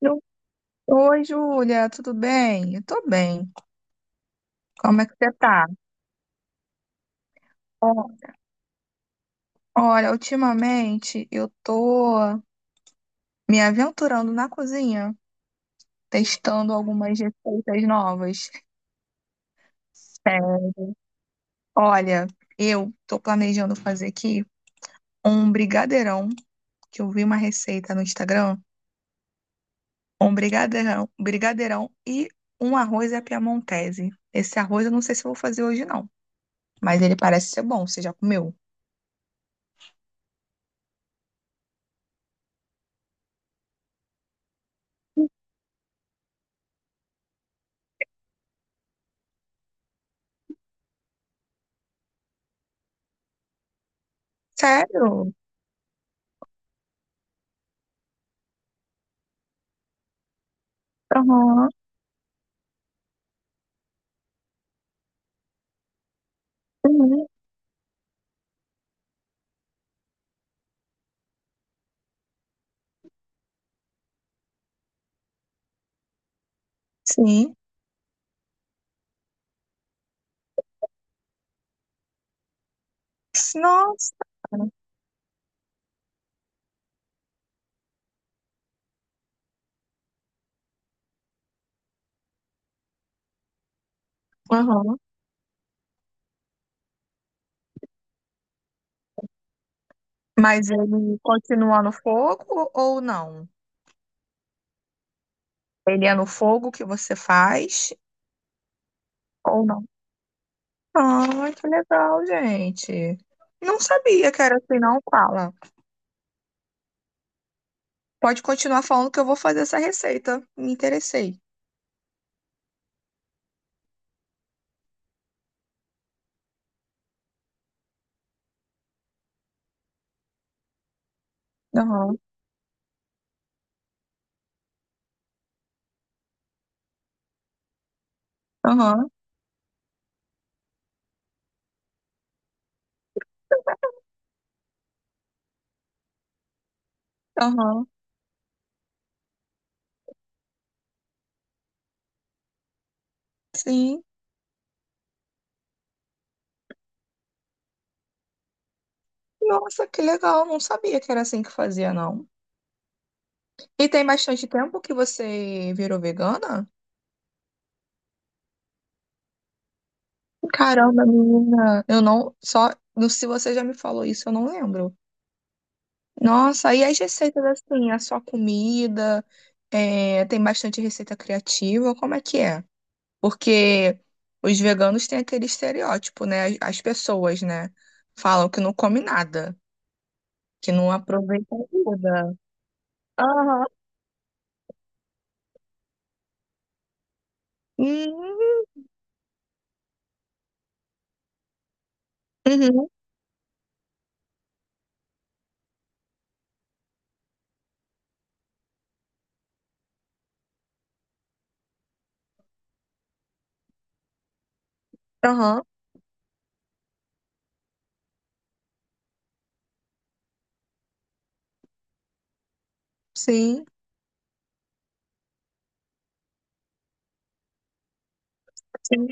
Eu- Oi, Júlia, tudo bem? Eu tô bem. Como é que você tá? Ó, Olha, ultimamente eu tô me aventurando na cozinha, testando algumas receitas novas. É, olha, eu tô planejando fazer aqui um brigadeirão, que eu vi uma receita no Instagram, um brigadeirão, e um arroz à piamontese. Esse arroz eu não sei se eu vou fazer hoje não, mas ele parece ser bom, você já comeu? Sério? Aham. Uhum. Sim. Nossa. Aham. Mas ele continua no fogo ou não? Ele é no fogo que você faz ou não? Ah, que legal, gente. Não sabia que era assim, não, fala. Pode continuar falando que eu vou fazer essa receita. Me interessei. Aham, aham, aham. Sim. Nossa, que legal. Não sabia que era assim que fazia, não. E tem bastante tempo que você virou vegana? Caramba, menina, eu não, só, não- se você já me falou isso, eu não lembro. Nossa, e as receitas assim, a sua comida, tem bastante receita criativa, como é que é? Porque os veganos têm aquele estereótipo, né? As pessoas, né? Falam que não come nada, que não aproveita nada. Aham. Hum. Uhum. Aham. Sim. Sim.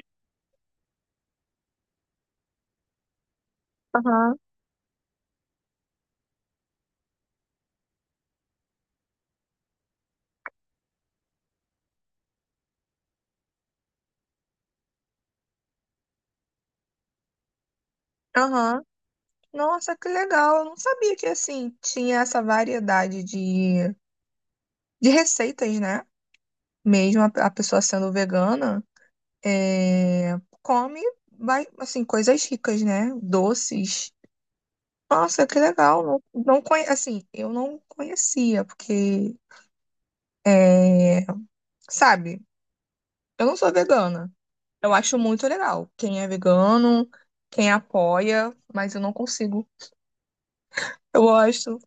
Aham. Aham. Nossa, que legal. Eu não sabia que assim tinha essa variedade de receitas, né? Mesmo a pessoa sendo vegana, come, vai, assim, coisas ricas, né? Doces. Nossa, que legal. Não, não conhe... Assim, eu não conhecia, porque, é, sabe, eu não sou vegana. Eu acho muito legal. Quem é vegano, quem apoia, mas eu não consigo. Eu gosto.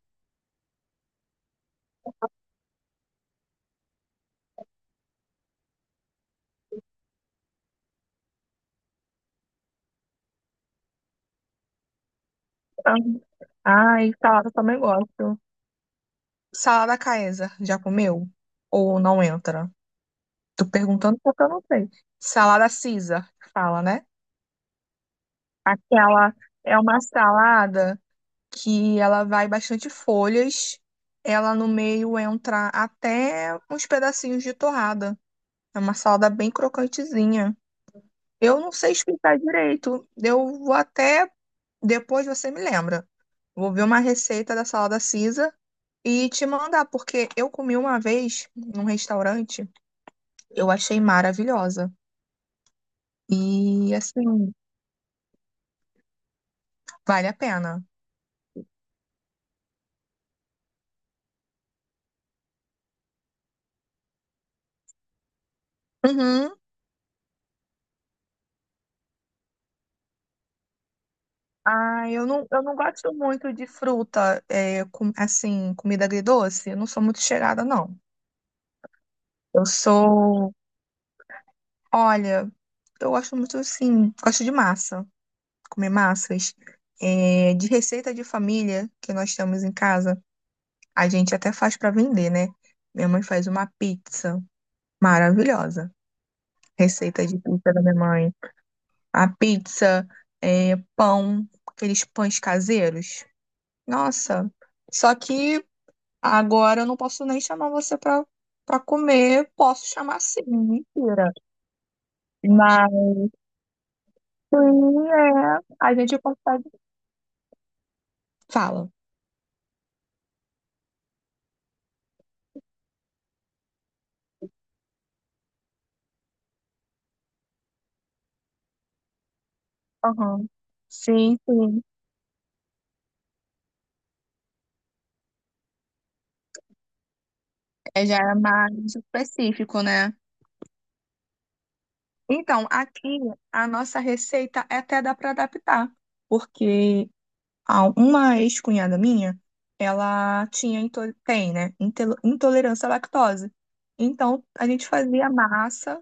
Ai, salada também gosto. Salada Caesar, já comeu? Ou não entra? Tô perguntando porque eu não sei. Salada Caesar, que fala, né? Aquela é uma salada que ela vai bastante folhas. Ela no meio entra até uns pedacinhos de torrada. É uma salada bem crocantezinha. Eu não sei explicar direito. Eu vou até depois você me lembra. Vou ver uma receita da salada Caesar e te mandar, porque eu comi uma vez num restaurante, eu achei maravilhosa. E assim, vale a pena. Uhum. Ah, eu não gosto muito de fruta, assim, comida agridoce. Eu não sou muito chegada não. Eu sou, olha, eu gosto muito, assim, gosto de massa, comer massas. É, de receita de família que nós temos em casa, a gente até faz para vender, né? Minha mãe faz uma pizza maravilhosa. Receita de pizza da minha mãe. A pizza, é, pão, aqueles pães caseiros. Nossa, só que agora eu não posso nem chamar você para comer, posso chamar sim, mentira. Mas sim, é, a gente consegue. Fala. Aham. Sim, sim. É, já é mais específico, né? Então, aqui a nossa receita até dá para adaptar, porque uma ex-cunhada minha, tem, né, intolerância à lactose. Então, a gente fazia massa,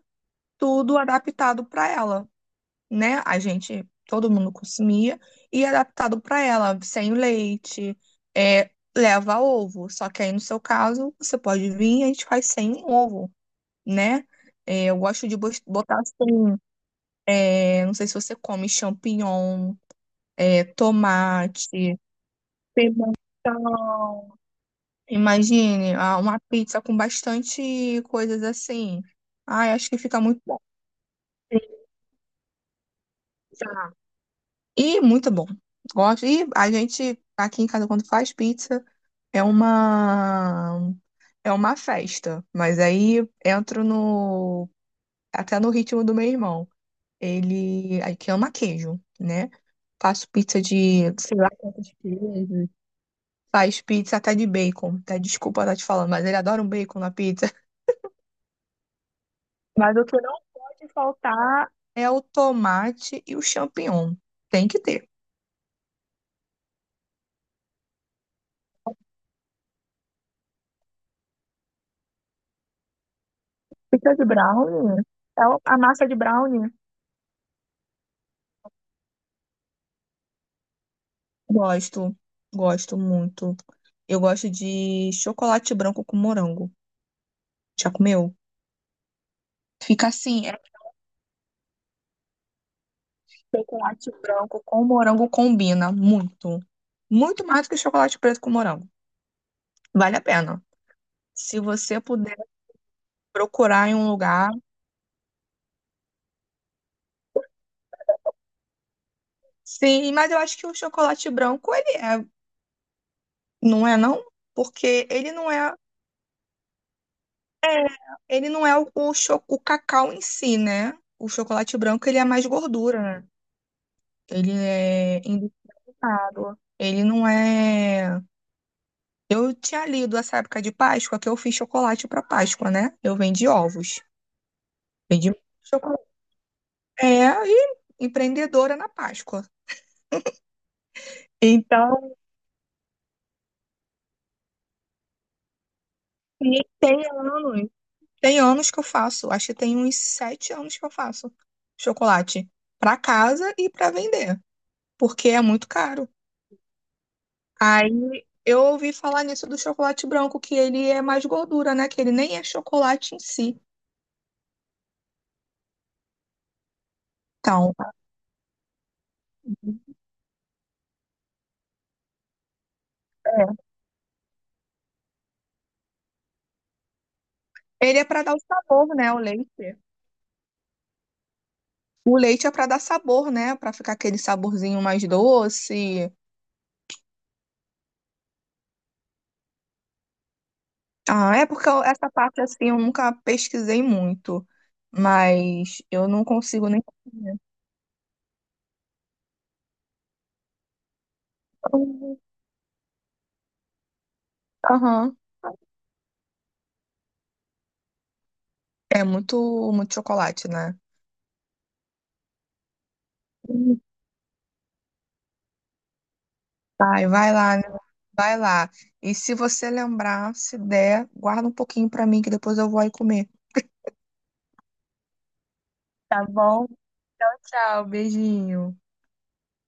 tudo adaptado para ela. Né? A gente, todo mundo consumia, e é adaptado para ela, sem leite, é, leva ovo. Só que aí, no seu caso, você pode vir e a gente faz sem ovo, né? É, eu gosto de botar assim, é, não sei se você come champignon, é, tomate, pimentão. Imagine, ah, uma pizza com bastante coisas assim. Ai, acho que fica muito bom. E muito bom. Gosto. E a gente, aqui em casa, quando faz pizza, é uma é uma festa. Mas aí entro no até no ritmo do meu irmão. Ele aí que ama queijo, né? Faço pizza de, sei lá quantos queijos. Faz pizza até de bacon. Até desculpa estar te falando, mas ele adora um bacon na pizza. Mas o que não pode faltar é o tomate e o champignon. Tem que ter. Pizza de brownie. É a massa de brownie. Gosto, gosto muito. Eu gosto de chocolate branco com morango. Já comeu? Fica assim, é que chocolate branco com morango combina muito. Muito mais do que chocolate preto com morango. Vale a pena. Se você puder procurar em um lugar. Sim, mas eu acho que o chocolate branco, ele é, não é não? Porque ele não é o cacau em si, né? O chocolate branco, ele é mais gordura, né? Ele é claro. Ele não é. Eu tinha lido essa época de Páscoa que eu fiz chocolate para Páscoa, né? Eu vendi ovos. Vendi chocolate. É, e empreendedora na Páscoa. Então, e tem anos. Tem anos que eu faço. Acho que tem uns 7 anos que eu faço chocolate para casa e para vender, porque é muito caro. Aí eu ouvi falar nisso do chocolate branco, que ele é mais gordura, né? Que ele nem é chocolate em si. Então, ele é para dar o sabor, né, o leite. O leite é para dar sabor, né, para ficar aquele saborzinho mais doce. Ah, é porque essa parte assim eu nunca pesquisei muito, mas eu não consigo nem comer. Aham. É muito, muito chocolate, né? Hum. Vai, vai lá, né? Vai lá. E se você lembrar, se der, guarda um pouquinho para mim que depois eu vou aí comer. Tá bom? Tchau, tchau. Beijinho.